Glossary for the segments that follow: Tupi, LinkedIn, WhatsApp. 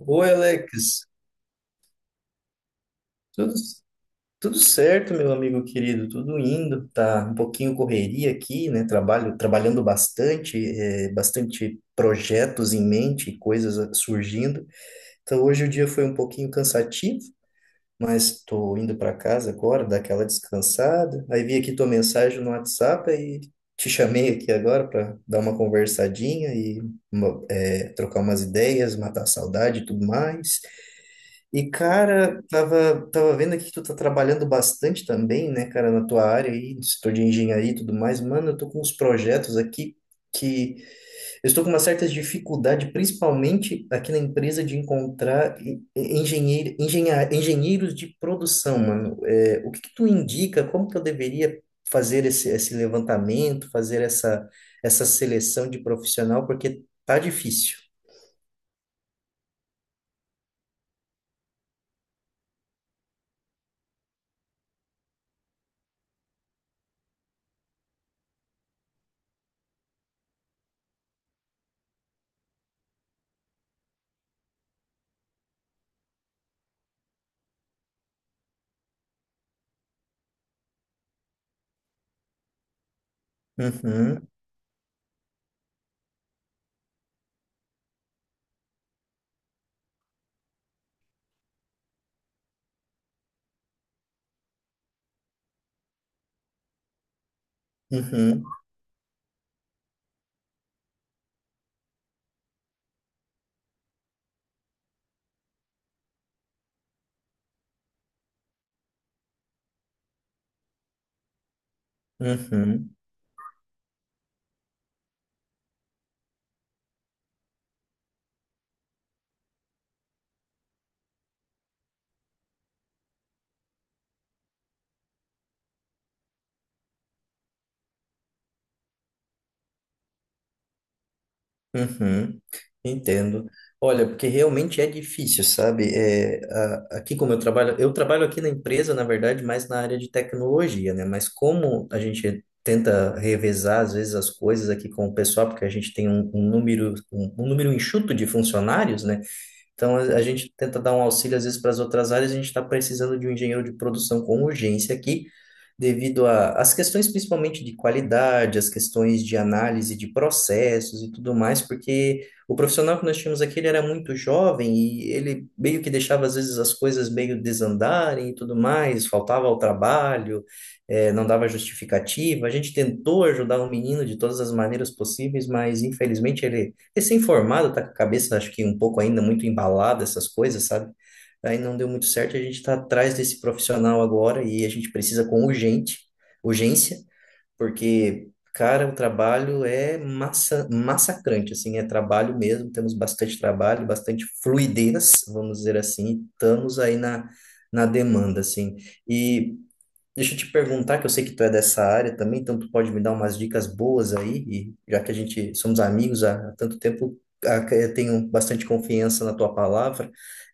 Oi, Alex. Tudo, tudo certo, meu amigo querido? Tudo indo. Tá um pouquinho correria aqui, né? Trabalhando bastante, bastante projetos em mente, surgindo. Então, hoje o dia foi um pouquinho cansativo, mas estou indo para casa agora, dar aquela descansada. Aí vi aqui tua mensagem no WhatsApp e te chamei aqui agora para dar uma conversadinha e trocar umas ideias, matar a saudade e tudo mais. E, cara, tava vendo aqui que tu tá trabalhando bastante também, né, cara, na tua área aí, no setor de engenharia e tudo mais. Mano, eu tô com uns projetos aqui que eu estou com uma certa dificuldade, principalmente aqui na empresa, de encontrar engenheiros de produção, mano. É, o que que tu indica? Como que eu deveria fazer esse levantamento, fazer essa seleção de profissional? Porque tá difícil. Uhum, uhum, uhum. Uhum, entendo. Olha, porque realmente é difícil, sabe? É, aqui como eu trabalho aqui na empresa, na verdade, mais na área de tecnologia, né? Mas como a gente tenta revezar, às vezes, as coisas aqui com o pessoal, porque a gente tem um número enxuto de funcionários, né? Então, a gente tenta dar um auxílio, às vezes, para as outras áreas. A gente está precisando de um engenheiro de produção com urgência aqui, devido às questões, principalmente de qualidade, as questões de análise de processos e tudo mais, porque o profissional que nós tínhamos aqui, ele era muito jovem e ele meio que deixava, às vezes, as coisas meio desandarem e tudo mais, faltava ao trabalho, não dava justificativa. A gente tentou ajudar o menino de todas as maneiras possíveis, mas, infelizmente, ele recém-formado, tá com a cabeça, acho que um pouco ainda muito embalada, essas coisas, sabe? Aí não deu muito certo, a gente está atrás desse profissional agora e a gente precisa com urgência, porque, cara, o trabalho é massacrante, assim, é trabalho mesmo, temos bastante trabalho, bastante fluidez, vamos dizer assim, estamos aí na, na demanda, assim. E deixa eu te perguntar, que eu sei que tu é dessa área também, então tu pode me dar umas dicas boas aí, e já que a gente somos amigos há tanto tempo, eu tenho bastante confiança na tua palavra.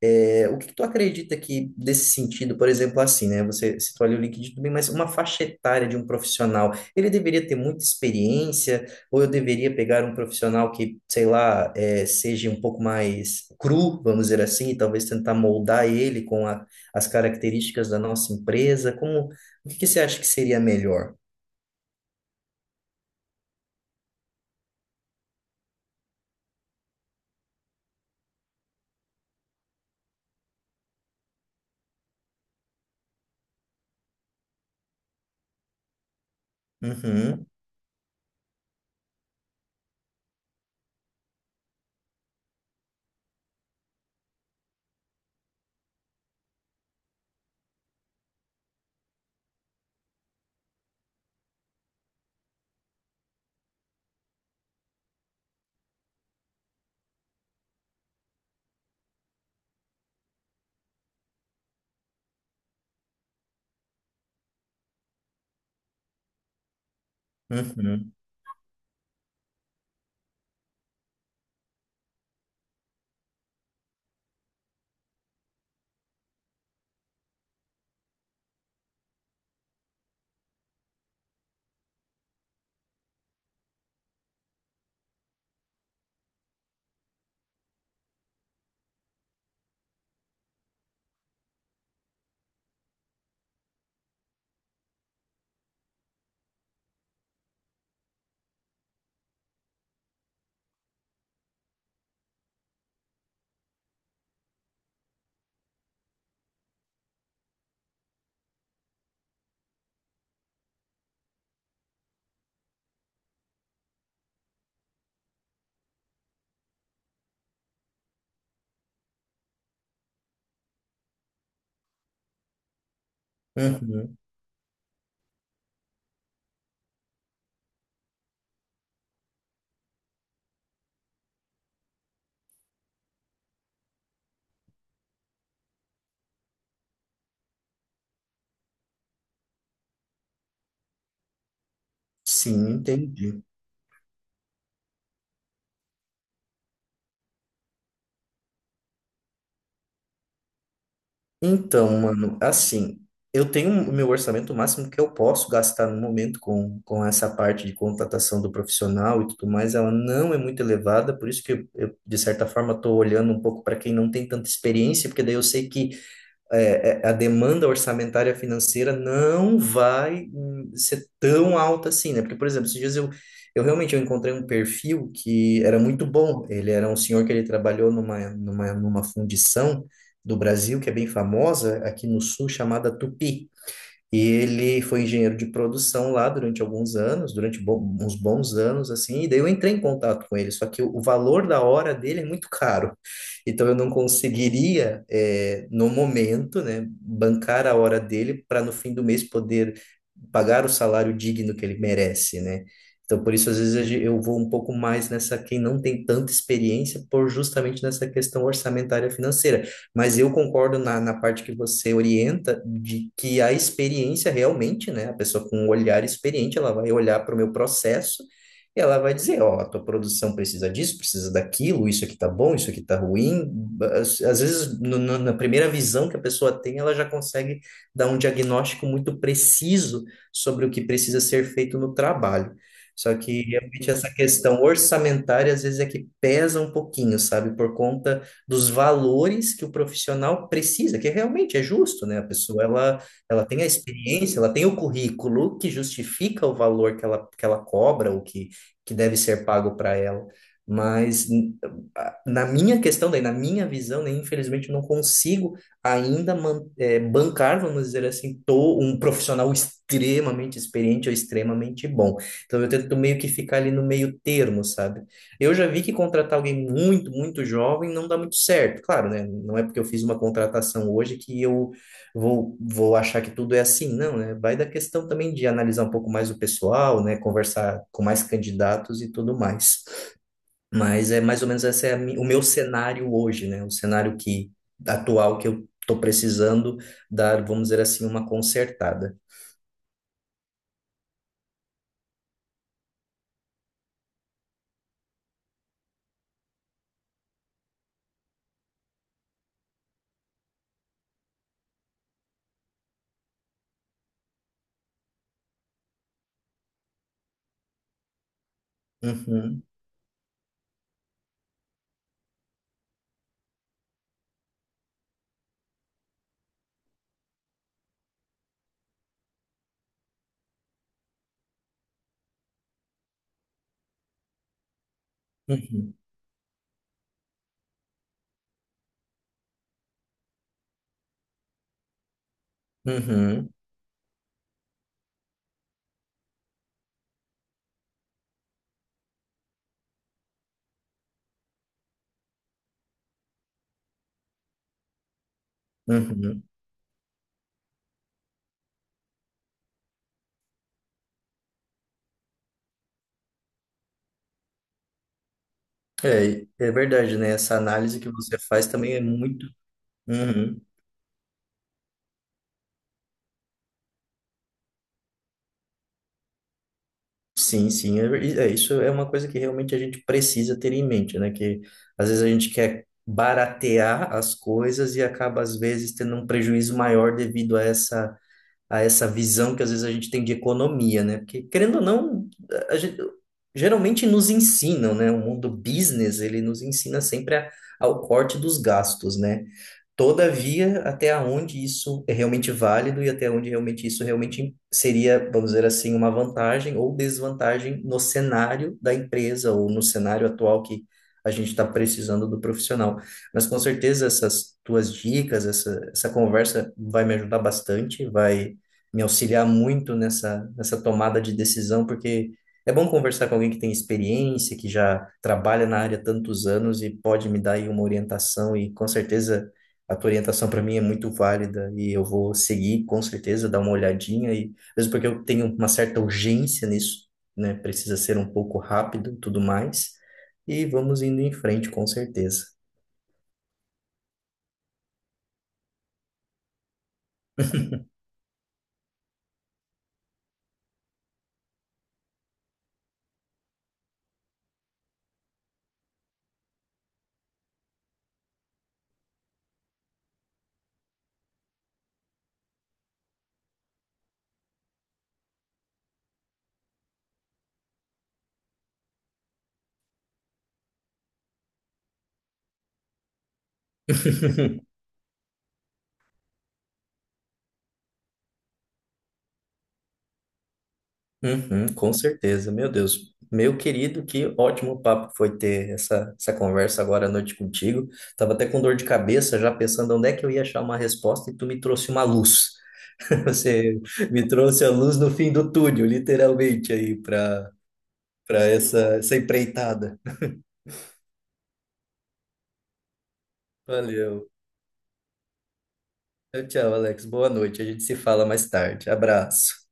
É, o que que tu acredita que desse sentido, por exemplo, assim, né? Você citou ali o LinkedIn também, mas uma faixa etária de um profissional, ele deveria ter muita experiência, ou eu deveria pegar um profissional que, sei lá, é, seja um pouco mais cru, vamos dizer assim, e talvez tentar moldar ele com as características da nossa empresa? Como, o que que você acha que seria melhor? Uhum, uhum, uhum. Sim, entendi. Então, mano, assim, eu tenho o meu orçamento máximo que eu posso gastar no momento com essa parte de contratação do profissional e tudo mais, ela não é muito elevada, por isso que eu, de certa forma, estou olhando um pouco para quem não tem tanta experiência, porque daí eu sei que a demanda orçamentária financeira não vai ser tão alta assim, né? Porque, por exemplo, esses dias eu realmente eu encontrei um perfil que era muito bom. Ele era um senhor que ele trabalhou numa fundição do Brasil que é bem famosa aqui no sul, chamada Tupi. E ele foi engenheiro de produção lá durante alguns anos, uns bons anos, assim, e daí eu entrei em contato com ele, só que o valor da hora dele é muito caro. Então eu não conseguiria, no momento, né, bancar a hora dele para no fim do mês poder pagar o salário digno que ele merece, né? Então por isso às vezes eu vou um pouco mais nessa quem não tem tanta experiência por justamente nessa questão orçamentária financeira. Mas eu concordo na parte que você orienta de que a experiência realmente, né? A pessoa com um olhar experiente, ela vai olhar para o meu processo e ela vai dizer, ó, a tua produção precisa disso, precisa daquilo, isso aqui tá bom, isso aqui tá ruim. Às vezes, na primeira visão que a pessoa tem, ela já consegue dar um diagnóstico muito preciso sobre o que precisa ser feito no trabalho. Só que realmente essa questão orçamentária às vezes é que pesa um pouquinho, sabe? Por conta dos valores que o profissional precisa, que realmente é justo, né? A pessoa, ela tem a experiência, ela tem o currículo que justifica o valor que ela cobra, o que, que deve ser pago para ela. Mas na minha questão, daí, na minha visão, né, infelizmente, eu não consigo ainda bancar, vamos dizer assim, tô um profissional extremamente experiente ou extremamente bom. Então eu tento meio que ficar ali no meio termo, sabe? Eu já vi que contratar alguém muito jovem não dá muito certo. Claro, né? Não é porque eu fiz uma contratação hoje que eu vou achar que tudo é assim. Não, né? Vai da questão também de analisar um pouco mais o pessoal, né? Conversar com mais candidatos e tudo mais. Mas é mais ou menos esse é a mi- o meu cenário hoje, né? O cenário que atual que eu estou precisando dar, vamos dizer assim, uma consertada. Uhum, uhum, uhum, uhum. É, é verdade, né? Essa análise que você faz também é muito. Uhum. Sim, sim, isso é uma coisa que realmente a gente precisa ter em mente, né? Que às vezes a gente quer baratear as coisas e acaba às vezes tendo um prejuízo maior devido a essa visão que às vezes a gente tem de economia, né? Porque querendo ou não, a gente, geralmente nos ensinam, né? O mundo business, ele nos ensina sempre ao corte dos gastos, né? Todavia, até onde isso é realmente válido e até onde realmente isso realmente seria, vamos dizer assim, uma vantagem ou desvantagem no cenário da empresa ou no cenário atual que a gente está precisando do profissional. Mas com certeza essas tuas dicas, essa conversa vai me ajudar bastante, vai me auxiliar muito nessa tomada de decisão, porque é bom conversar com alguém que tem experiência, que já trabalha na área há tantos anos e pode me dar aí uma orientação e com certeza a tua orientação para mim é muito válida e eu vou seguir com certeza, dar uma olhadinha e mesmo porque eu tenho uma certa urgência nisso, né? Precisa ser um pouco rápido, e tudo mais. E vamos indo em frente com certeza. Uhum, com certeza, meu Deus. Meu querido, que ótimo papo foi ter essa conversa agora à noite contigo. Tava até com dor de cabeça, já pensando onde é que eu ia achar uma resposta, e tu me trouxe uma luz. Você me trouxe a luz no fim do túnel, literalmente, aí, para essa empreitada. Valeu. Tchau, tchau, Alex. Boa noite. A gente se fala mais tarde. Abraço.